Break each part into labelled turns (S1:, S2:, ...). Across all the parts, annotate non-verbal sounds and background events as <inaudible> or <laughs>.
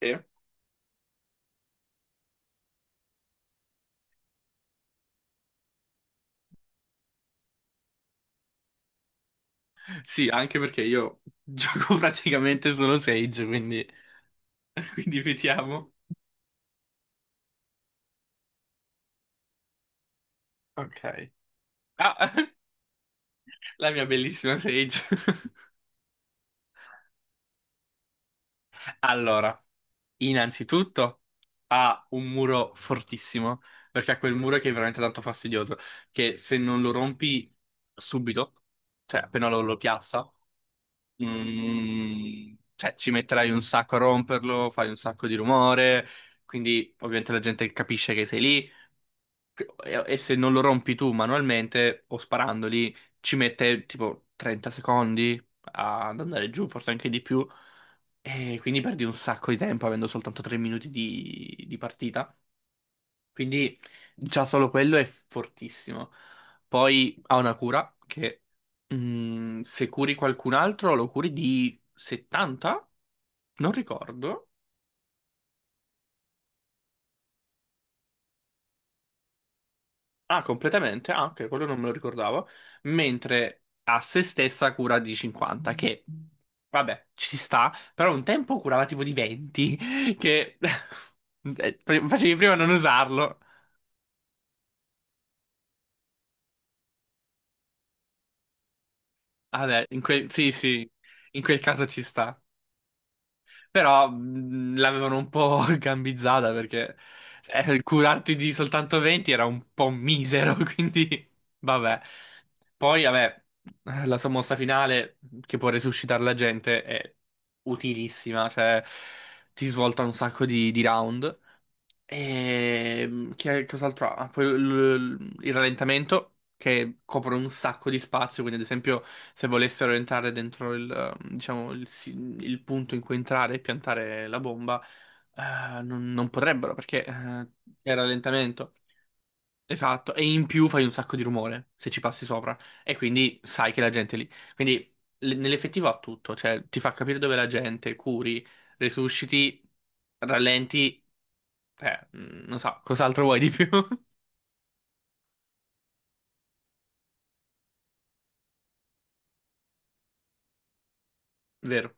S1: Eh, Sì, anche perché io gioco <laughs> praticamente solo Sage, quindi, <laughs> quindi vediamo. Ok. Ah, <laughs> la mia bellissima Sage. <laughs> Allora, innanzitutto ha un muro fortissimo, perché ha quel muro che è veramente tanto fastidioso, che se non lo rompi subito, cioè appena lo piazza, cioè ci metterai un sacco a romperlo, fai un sacco di rumore, quindi ovviamente la gente capisce che sei lì. E se non lo rompi tu manualmente o sparandoli, ci mette tipo 30 secondi ad andare giù, forse anche di più. E quindi perdi un sacco di tempo avendo soltanto 3 minuti di partita. Quindi già solo quello è fortissimo. Poi ha una cura che se curi qualcun altro lo curi di 70? Non ricordo. Ah, completamente? Ah, ok, quello non me lo ricordavo. Mentre a se stessa cura di 50, che vabbè, ci sta, però un tempo curava tipo di 20, che <laughs> eh, facevi prima a non usarlo. Vabbè, sì, sì, in quel caso ci sta. Però l'avevano un po' <laughs> gambizzata perché curarti di soltanto 20 era un po' misero, <laughs> quindi vabbè. Poi, vabbè, la sommossa finale che può resuscitare la gente è utilissima, cioè ti svolta un sacco di round. E che cos'altro ha? Poi il rallentamento che copre un sacco di spazio, quindi ad esempio se volessero entrare dentro diciamo, il punto in cui entrare e piantare la bomba, non potrebbero perché è rallentamento. Esatto, e in più fai un sacco di rumore se ci passi sopra e quindi sai che la gente è lì. Quindi nell'effettivo ha tutto, cioè ti fa capire dove è la gente, curi, resusciti, rallenti non so, cos'altro vuoi di più? <laughs> Vero.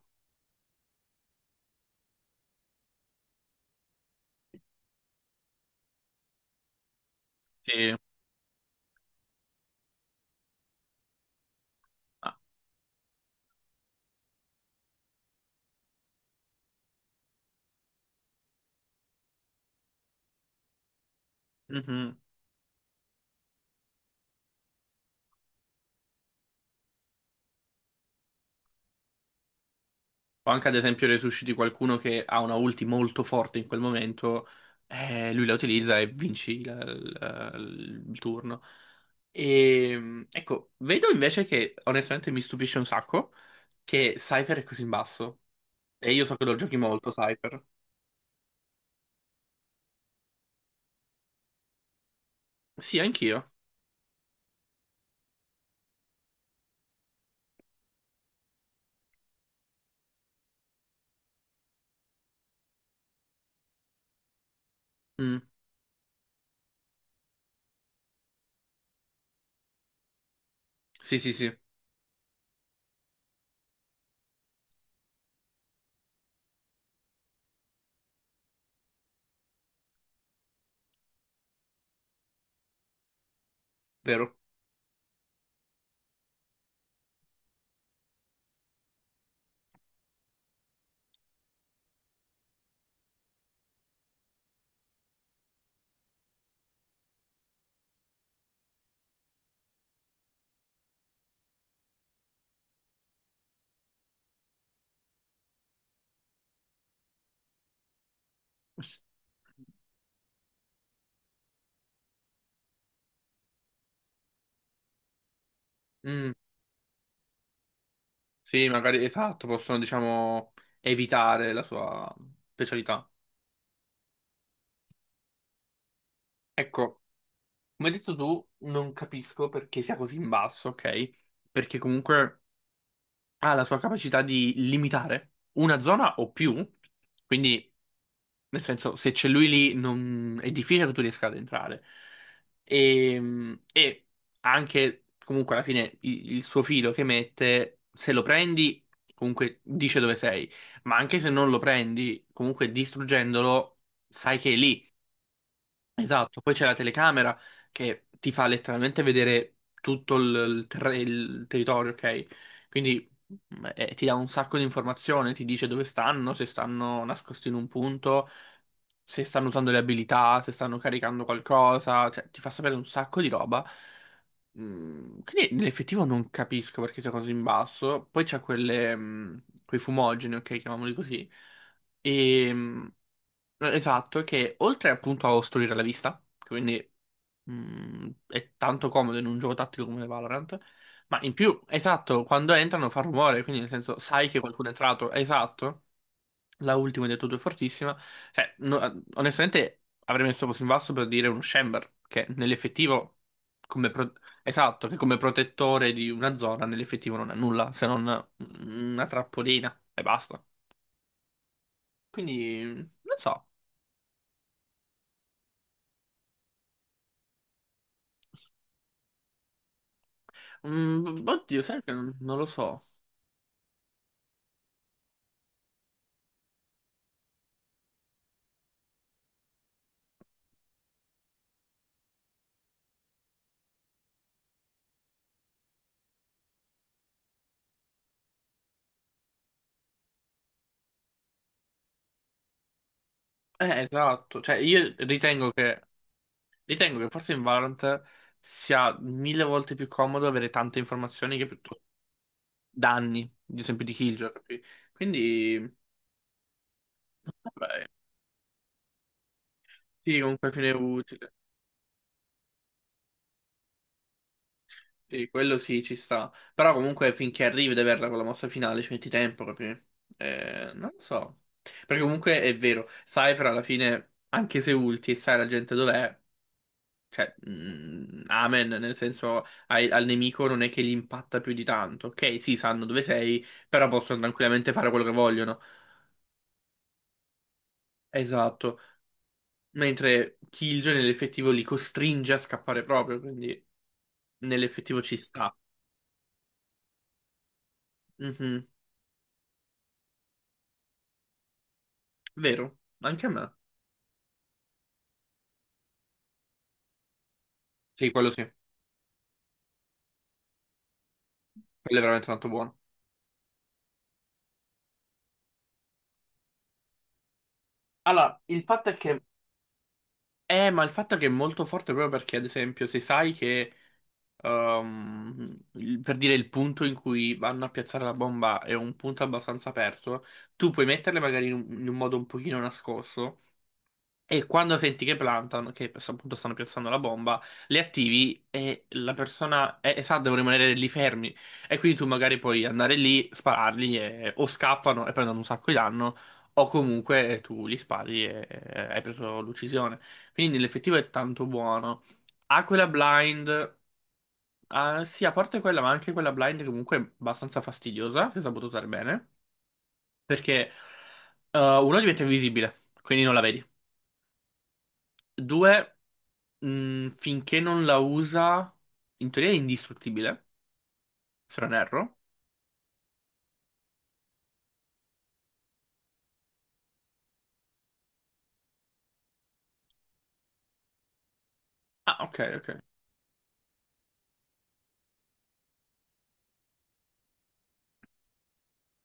S1: Sì. Ah, mhm. O anche ad esempio resusciti qualcuno che ha una ulti molto forte in quel momento, lui la utilizza e vinci il turno. E ecco, vedo invece che onestamente mi stupisce un sacco che Cypher è così in basso. E io so che lo giochi molto, Cypher. Sì, anch'io. Mm. Sì, sì, sì, vero. Mm. Sì, magari esatto, possono, diciamo, evitare la sua specialità. Ecco, come hai detto tu, non capisco perché sia così in basso, ok? Perché comunque ha la sua capacità di limitare una zona o più, quindi nel senso se c'è lui lì è difficile che tu riesca ad entrare. E anche comunque alla fine il suo filo che mette, se lo prendi comunque dice dove sei, ma anche se non lo prendi, comunque distruggendolo sai che è lì. Esatto, poi c'è la telecamera che ti fa letteralmente vedere tutto il territorio, ok? Quindi ti dà un sacco di informazioni, ti dice dove stanno, se stanno nascosti in un punto, se stanno usando le abilità, se stanno caricando qualcosa, cioè, ti fa sapere un sacco di roba. Quindi nell'effettivo non capisco perché sia così in basso. Poi c'è quei fumogeni, ok, chiamiamoli così. E, Esatto, che oltre appunto a ostruire la vista, che quindi è tanto comodo in un gioco tattico come Valorant, ma in più, esatto, quando entrano fa rumore, quindi nel senso sai che qualcuno è entrato, esatto, la ultima hai detto tu è fortissima, cioè onestamente avrei messo così in basso per dire uno Chamber, che nell'effettivo, come pro- esatto, che come protettore di una zona nell'effettivo non è nulla, se non una trappolina e basta. Quindi, non so. Oddio, sai che non lo so. Esatto. Cioè, io ritengo che forse in Valorant sia mille volte più comodo avere tante informazioni che piuttosto danni, ad esempio di Killjoy, capi? Quindi, vabbè, sì, comunque alla fine è utile. Sì, quello sì, ci sta. Però comunque finché arrivi ad averla con la mossa finale ci metti tempo, capi? Non lo so. Perché comunque è vero, Cypher alla fine, anche se ulti e sai la gente dov'è, cioè, amen, nel senso al nemico non è che gli impatta più di tanto. Ok, sì, sanno dove sei, però possono tranquillamente fare quello che vogliono. Esatto. Mentre Killjoy nell'effettivo li costringe a scappare proprio, quindi nell'effettivo ci sta. Mhm. Vero, anche a me. Sì, quello è veramente tanto buono. Allora, il fatto è che... ma il fatto è che è molto forte proprio perché, ad esempio, se sai che per dire il punto in cui vanno a piazzare la bomba è un punto abbastanza aperto, tu puoi metterle magari in un modo un pochino nascosto e quando senti che plantano, che appunto stanno piazzando la bomba, le attivi e la persona e sa, devono rimanere lì fermi e quindi tu magari puoi andare lì, spararli o scappano e prendono un sacco di danno. O comunque tu li spari e hai preso l'uccisione. Quindi nell'effettivo è tanto buono. Aquila Blind. Ah, sì, a parte quella, ma anche quella blind comunque è abbastanza fastidiosa, se saputo usare bene, perché uno diventa invisibile, quindi non la vedi. Due, finché non la usa, in teoria è indistruttibile, se non erro. Ah, ok, ok.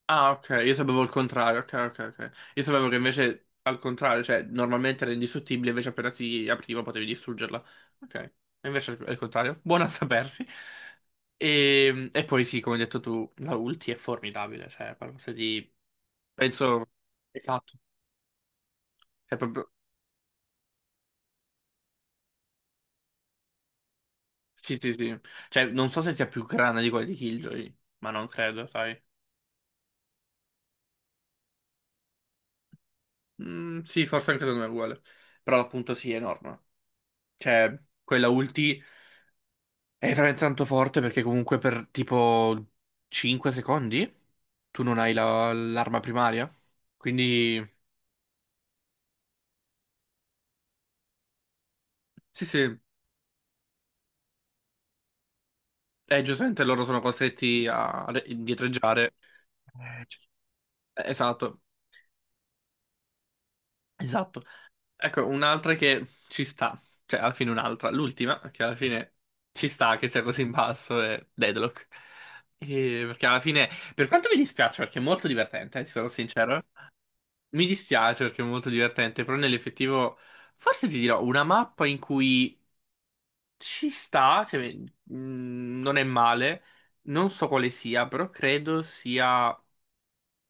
S1: Ah, ok, io sapevo il contrario, ok, ok, ok. Io sapevo che invece al contrario, cioè normalmente era indistruttibile, invece appena si apriva potevi distruggerla. Ok, e invece è il contrario. <laughs> Buono a sapersi. E poi sì, come hai detto tu, la ulti è formidabile, cioè è qualcosa di. Penso. Esatto, è proprio. Sì, sì, sì. Cioè, non so se sia più grande di quella di Killjoy, ma non credo, sai. Mm, sì, forse anche secondo me è uguale. Però appunto sì, è enorme. Cioè, quella ulti. È veramente tanto forte perché comunque per tipo 5 secondi tu non hai l'arma primaria. Quindi sì, sì, giustamente loro sono costretti a indietreggiare. Eh, c- Esatto, esatto. Ecco, un'altra che ci sta, cioè alla fine un'altra, l'ultima che alla fine ci sta che sia così in basso è Deadlock. E perché alla fine, per quanto mi dispiace, perché è molto divertente, ti sarò sincero. Mi dispiace perché è molto divertente, però nell'effettivo forse ti dirò una mappa in cui ci sta, cioè, non è male, non so quale sia, però credo sia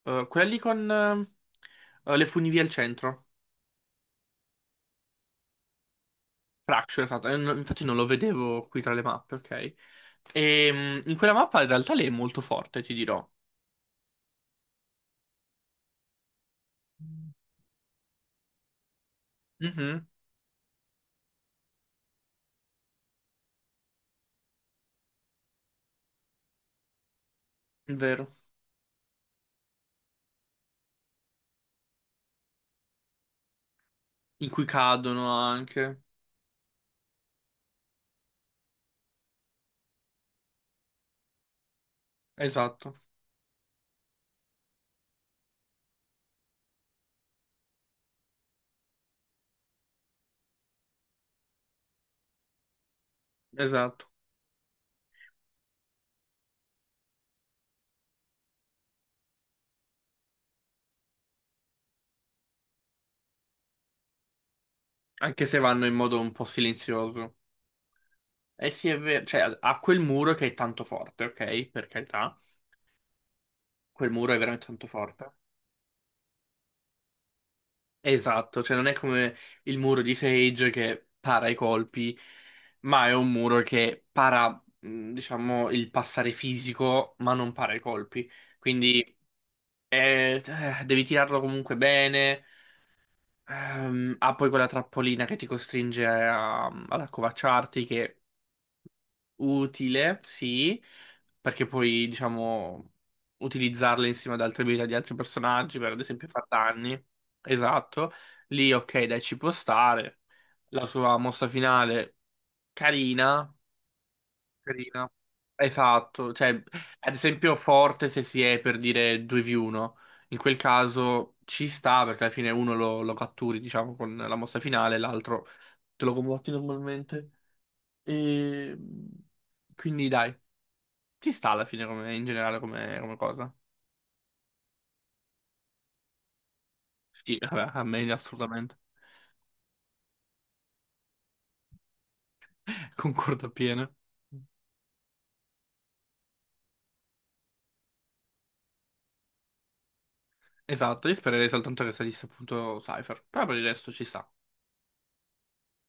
S1: quella lì con le funivie al centro. Fracture, esatto, infatti non lo vedevo qui tra le mappe, ok? E, in quella mappa in realtà lei è molto forte, ti dirò. Mhm, è vero. In cui cadono anche. Esatto, esatto. Anche se vanno in modo un po' silenzioso. Eh sì, è vero, cioè ha quel muro che è tanto forte, ok? Per carità, quel muro è veramente tanto forte. Esatto, cioè non è come il muro di Sage che para i colpi, ma è un muro che para, diciamo, il passare fisico, ma non para i colpi. Quindi devi tirarlo comunque bene. Ha poi quella trappolina che ti costringe ad accovacciarti, che utile, sì, perché puoi, diciamo, utilizzarle insieme ad altre abilità di altri personaggi, per ad esempio far danni. Esatto. Lì, ok, dai, ci può stare. La sua mossa finale, carina, carina. Esatto, cioè, ad esempio forte se si è per dire 2v1. In quel caso ci sta, perché alla fine uno lo catturi, diciamo, con la mossa finale, l'altro te lo combatti normalmente. E. Quindi dai. Ci sta alla fine come, in generale come, come cosa. Sì, vabbè, a me assolutamente. <laughs> Concordo appieno. Esatto, io spererei soltanto che salisse appunto Cypher, però per il resto ci sta.